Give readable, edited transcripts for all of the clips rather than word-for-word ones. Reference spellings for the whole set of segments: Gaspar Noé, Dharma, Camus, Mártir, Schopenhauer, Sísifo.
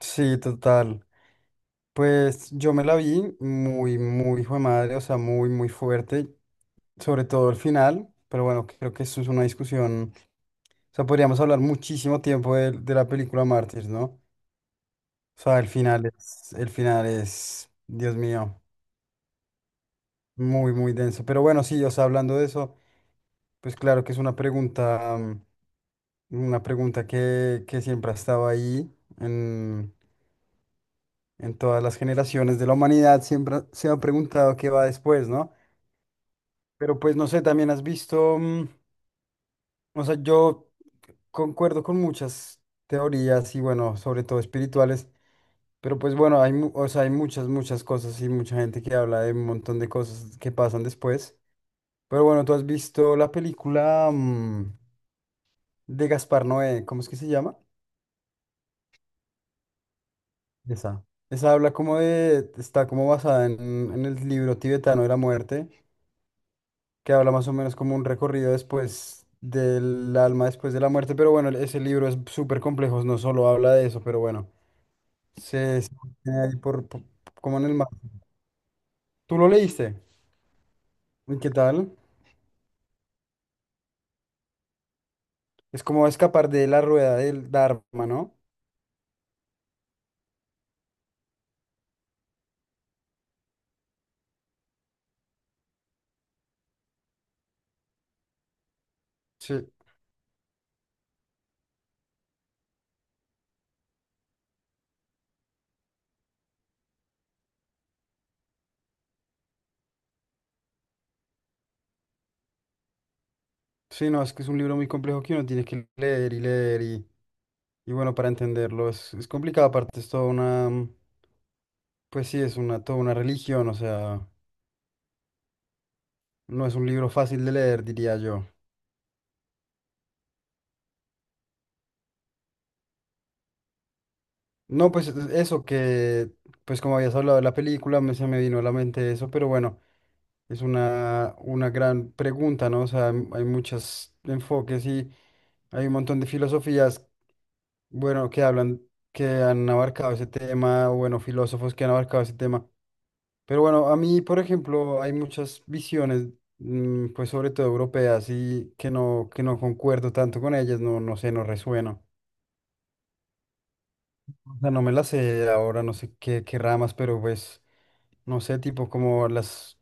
Sí, total. Pues yo me la vi muy, muy hijo de madre, o sea, muy, muy fuerte, sobre todo el final, pero bueno, creo que eso es una discusión, o sea, podríamos hablar muchísimo tiempo de la película Mártir, ¿no? O sea, el final es, Dios mío, muy, muy denso. Pero bueno, sí, o sea, hablando de eso, pues claro que es una pregunta, una pregunta que siempre ha estado ahí en, en todas las generaciones de la humanidad, siempre se ha preguntado qué va después, ¿no? Pero pues no sé, también has visto, o sea, yo concuerdo con muchas teorías y bueno, sobre todo espirituales, pero pues bueno, hay, o sea, hay muchas, muchas cosas y mucha gente que habla de un montón de cosas que pasan después. Pero bueno, ¿tú has visto la película de Gaspar Noé? ¿Cómo es que se llama? Esa. Esa habla como de, está como basada en el libro tibetano de la muerte que habla más o menos como un recorrido después del alma, después de la muerte. Pero bueno, ese libro es súper complejo, no solo habla de eso, pero bueno, se mantiene ahí como en el mar. ¿Tú lo leíste? ¿Y qué tal? Es como escapar de la rueda del Dharma, ¿no? Sí, sí, no, es que es un libro muy complejo que uno tiene que leer y leer y bueno, para entenderlo es complicado, aparte es toda una, pues sí, es una, toda una religión, o sea, no es un libro fácil de leer, diría yo. No, eso que, pues como habías hablado de la película, me, se me vino a la mente eso, pero bueno, es una gran pregunta, ¿no? O sea, hay muchos enfoques y hay un montón de filosofías, bueno, que hablan, que han abarcado ese tema, o bueno, filósofos que han abarcado ese tema. Pero bueno, a mí, por ejemplo, hay muchas visiones, pues sobre todo europeas y que no concuerdo tanto con ellas, no, no sé, no resueno. O sea, no me las sé ahora, no sé qué, qué ramas, pero pues, no sé, tipo como las,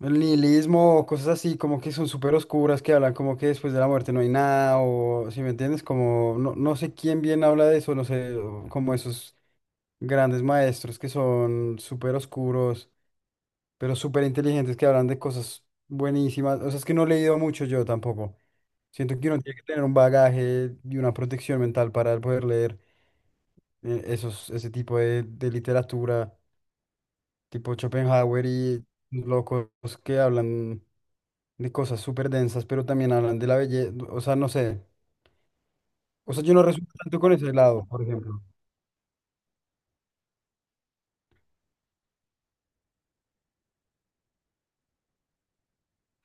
el nihilismo o cosas así, como que son súper oscuras, que hablan como que después de la muerte no hay nada, o si me entiendes, como, no, no sé quién bien habla de eso, no sé, o como esos grandes maestros que son súper oscuros, pero súper inteligentes, que hablan de cosas buenísimas. O sea, es que no he leído mucho yo tampoco. Siento que uno tiene que tener un bagaje y una protección mental para poder leer esos, ese tipo de literatura, tipo Schopenhauer y locos que hablan de cosas súper densas, pero también hablan de la belleza, o sea, no sé, o sea, yo no resuelvo tanto con ese lado, por ejemplo.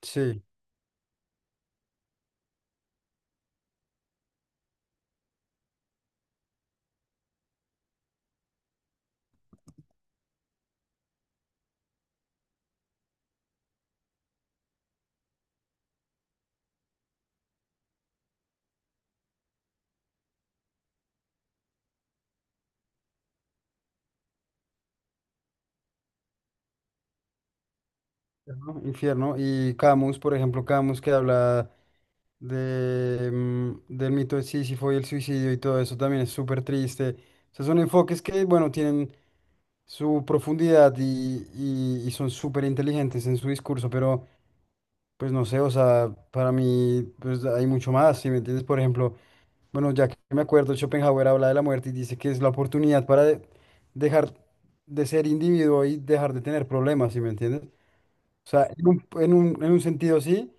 Sí. Infierno. Infierno. Y Camus, por ejemplo, Camus que habla de, del mito de Sísifo y el suicidio y todo eso también es súper triste. O sea, son enfoques que, bueno, tienen su profundidad y son súper inteligentes en su discurso, pero pues no sé, o sea, para mí pues hay mucho más, ¿si me entiendes? Por ejemplo, bueno, ya que me acuerdo, Schopenhauer habla de la muerte y dice que es la oportunidad dejar de ser individuo y dejar de tener problemas, ¿si me entiendes? O sea, en un sentido sí,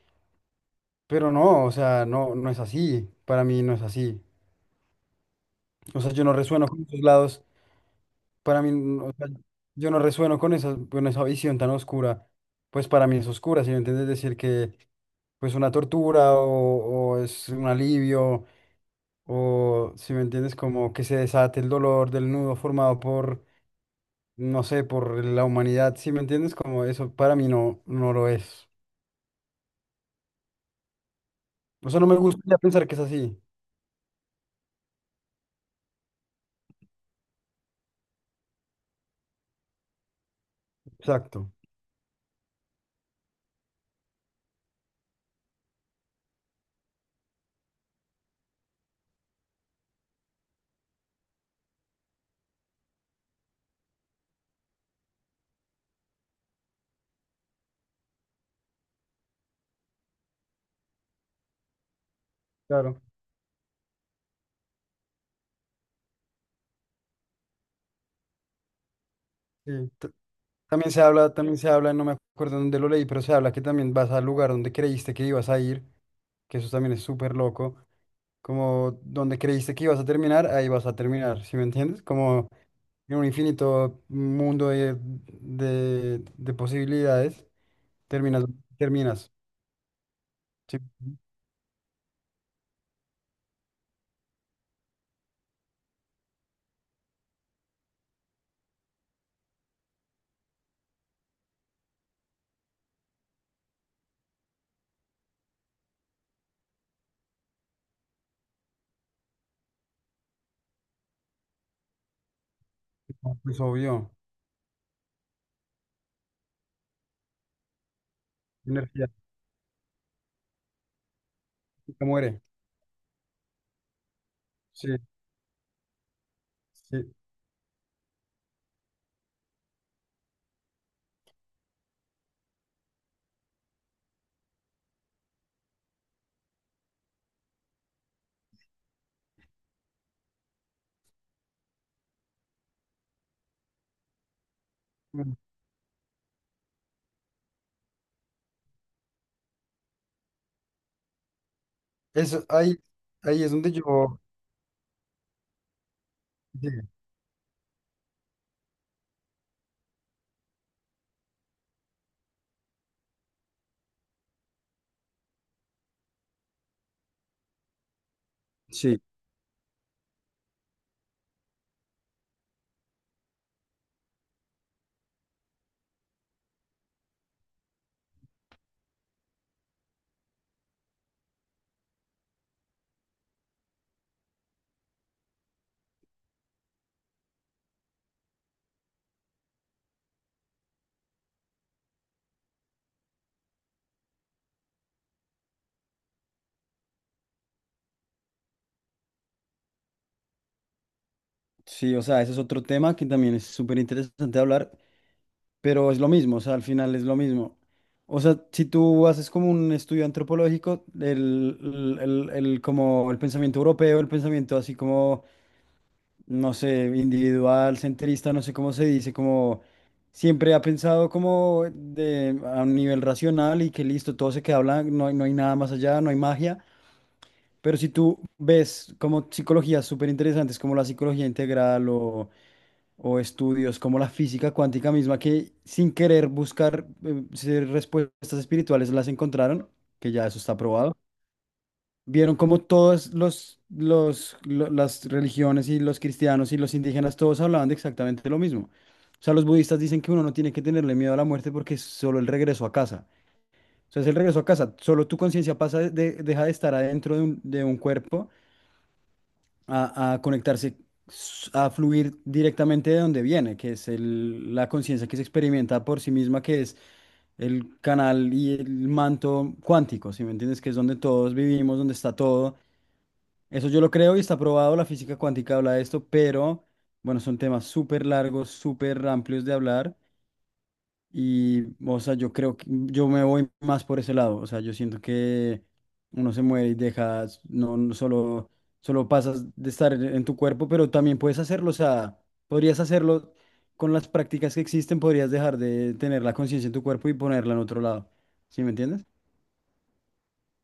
pero no, o sea, no, no es así. Para mí no es así. O sea, yo no resueno con esos lados. Para mí, o sea, yo no resueno con esa visión tan oscura. Pues para mí es oscura, si me entiendes decir que pues una tortura o es un alivio o si me entiendes como que se desate el dolor del nudo formado por, no sé, por la humanidad, si me entiendes como eso para mí no, no lo es. O sea, no me gustaría pensar que es así. Exacto. Claro. Sí, t- también se habla, también se habla, no me acuerdo dónde lo leí, pero se habla que también vas al lugar donde creíste que ibas a ir, que eso también es súper loco, como donde creíste que ibas a terminar, ahí vas a terminar, ¿sí me entiendes? Como en un infinito mundo de posibilidades, terminas, terminas, sí, pues obvio, energía, te muere, sí, sí. Mm. Eso, ahí, ahí es donde yo... Sí. Sí, sí, o sea, ese es otro tema que también es súper interesante hablar. Pero es lo mismo, o sea, al final es lo mismo. O sea, si tú haces como un estudio antropológico, como el pensamiento europeo, el pensamiento así como, no sé, individual, centrista, no sé cómo se dice, como siempre ha pensado como de, a un nivel racional y que listo, todo se queda blanco, no hay, no hay nada más allá, no hay magia. Pero si tú ves como psicologías súper interesantes como la psicología integral o estudios como la física cuántica misma que sin querer buscar ser respuestas espirituales las encontraron, que ya eso está probado. Vieron como todas las religiones y los cristianos y los indígenas, todos hablaban de exactamente lo mismo. O sea, los budistas dicen que uno no tiene que tenerle miedo a la muerte porque es solo el regreso a casa. O sea, es el regreso a casa. Solo tu conciencia deja de estar adentro de un cuerpo a conectarse, a fluir directamente de donde viene, que es la conciencia que se experimenta por sí misma, que es el canal y el manto cuántico, ¿si me entiendes? Que es donde todos vivimos, donde está todo. Eso yo lo creo y está probado, la física cuántica habla de esto, pero bueno, son temas súper largos, súper amplios de hablar. Y, o sea, yo creo que yo me voy más por ese lado. O sea, yo siento que uno se muere y dejas, no, no solo, solo pasas de estar en tu cuerpo, pero también puedes hacerlo. O sea, podrías hacerlo con las prácticas que existen, podrías dejar de tener la conciencia en tu cuerpo y ponerla en otro lado. ¿Sí me entiendes?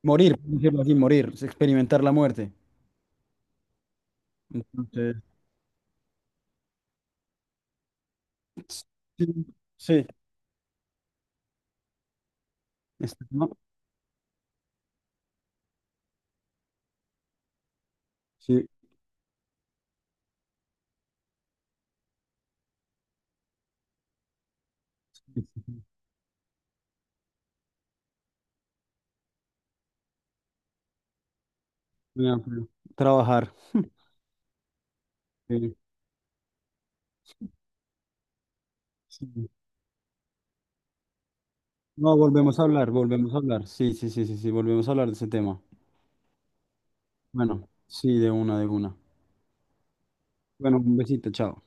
Morir, por decirlo así, morir, es experimentar la muerte. Entonces, sí, sí, este, ¿no? Sí, sí, sí, sí, ya, pero trabajar. Sí, sí. No, volvemos a hablar, volvemos a hablar. Sí, sí, sí, sí, sí, volvemos a hablar de ese tema. Bueno, sí, de una, de una. Bueno, un besito, chao.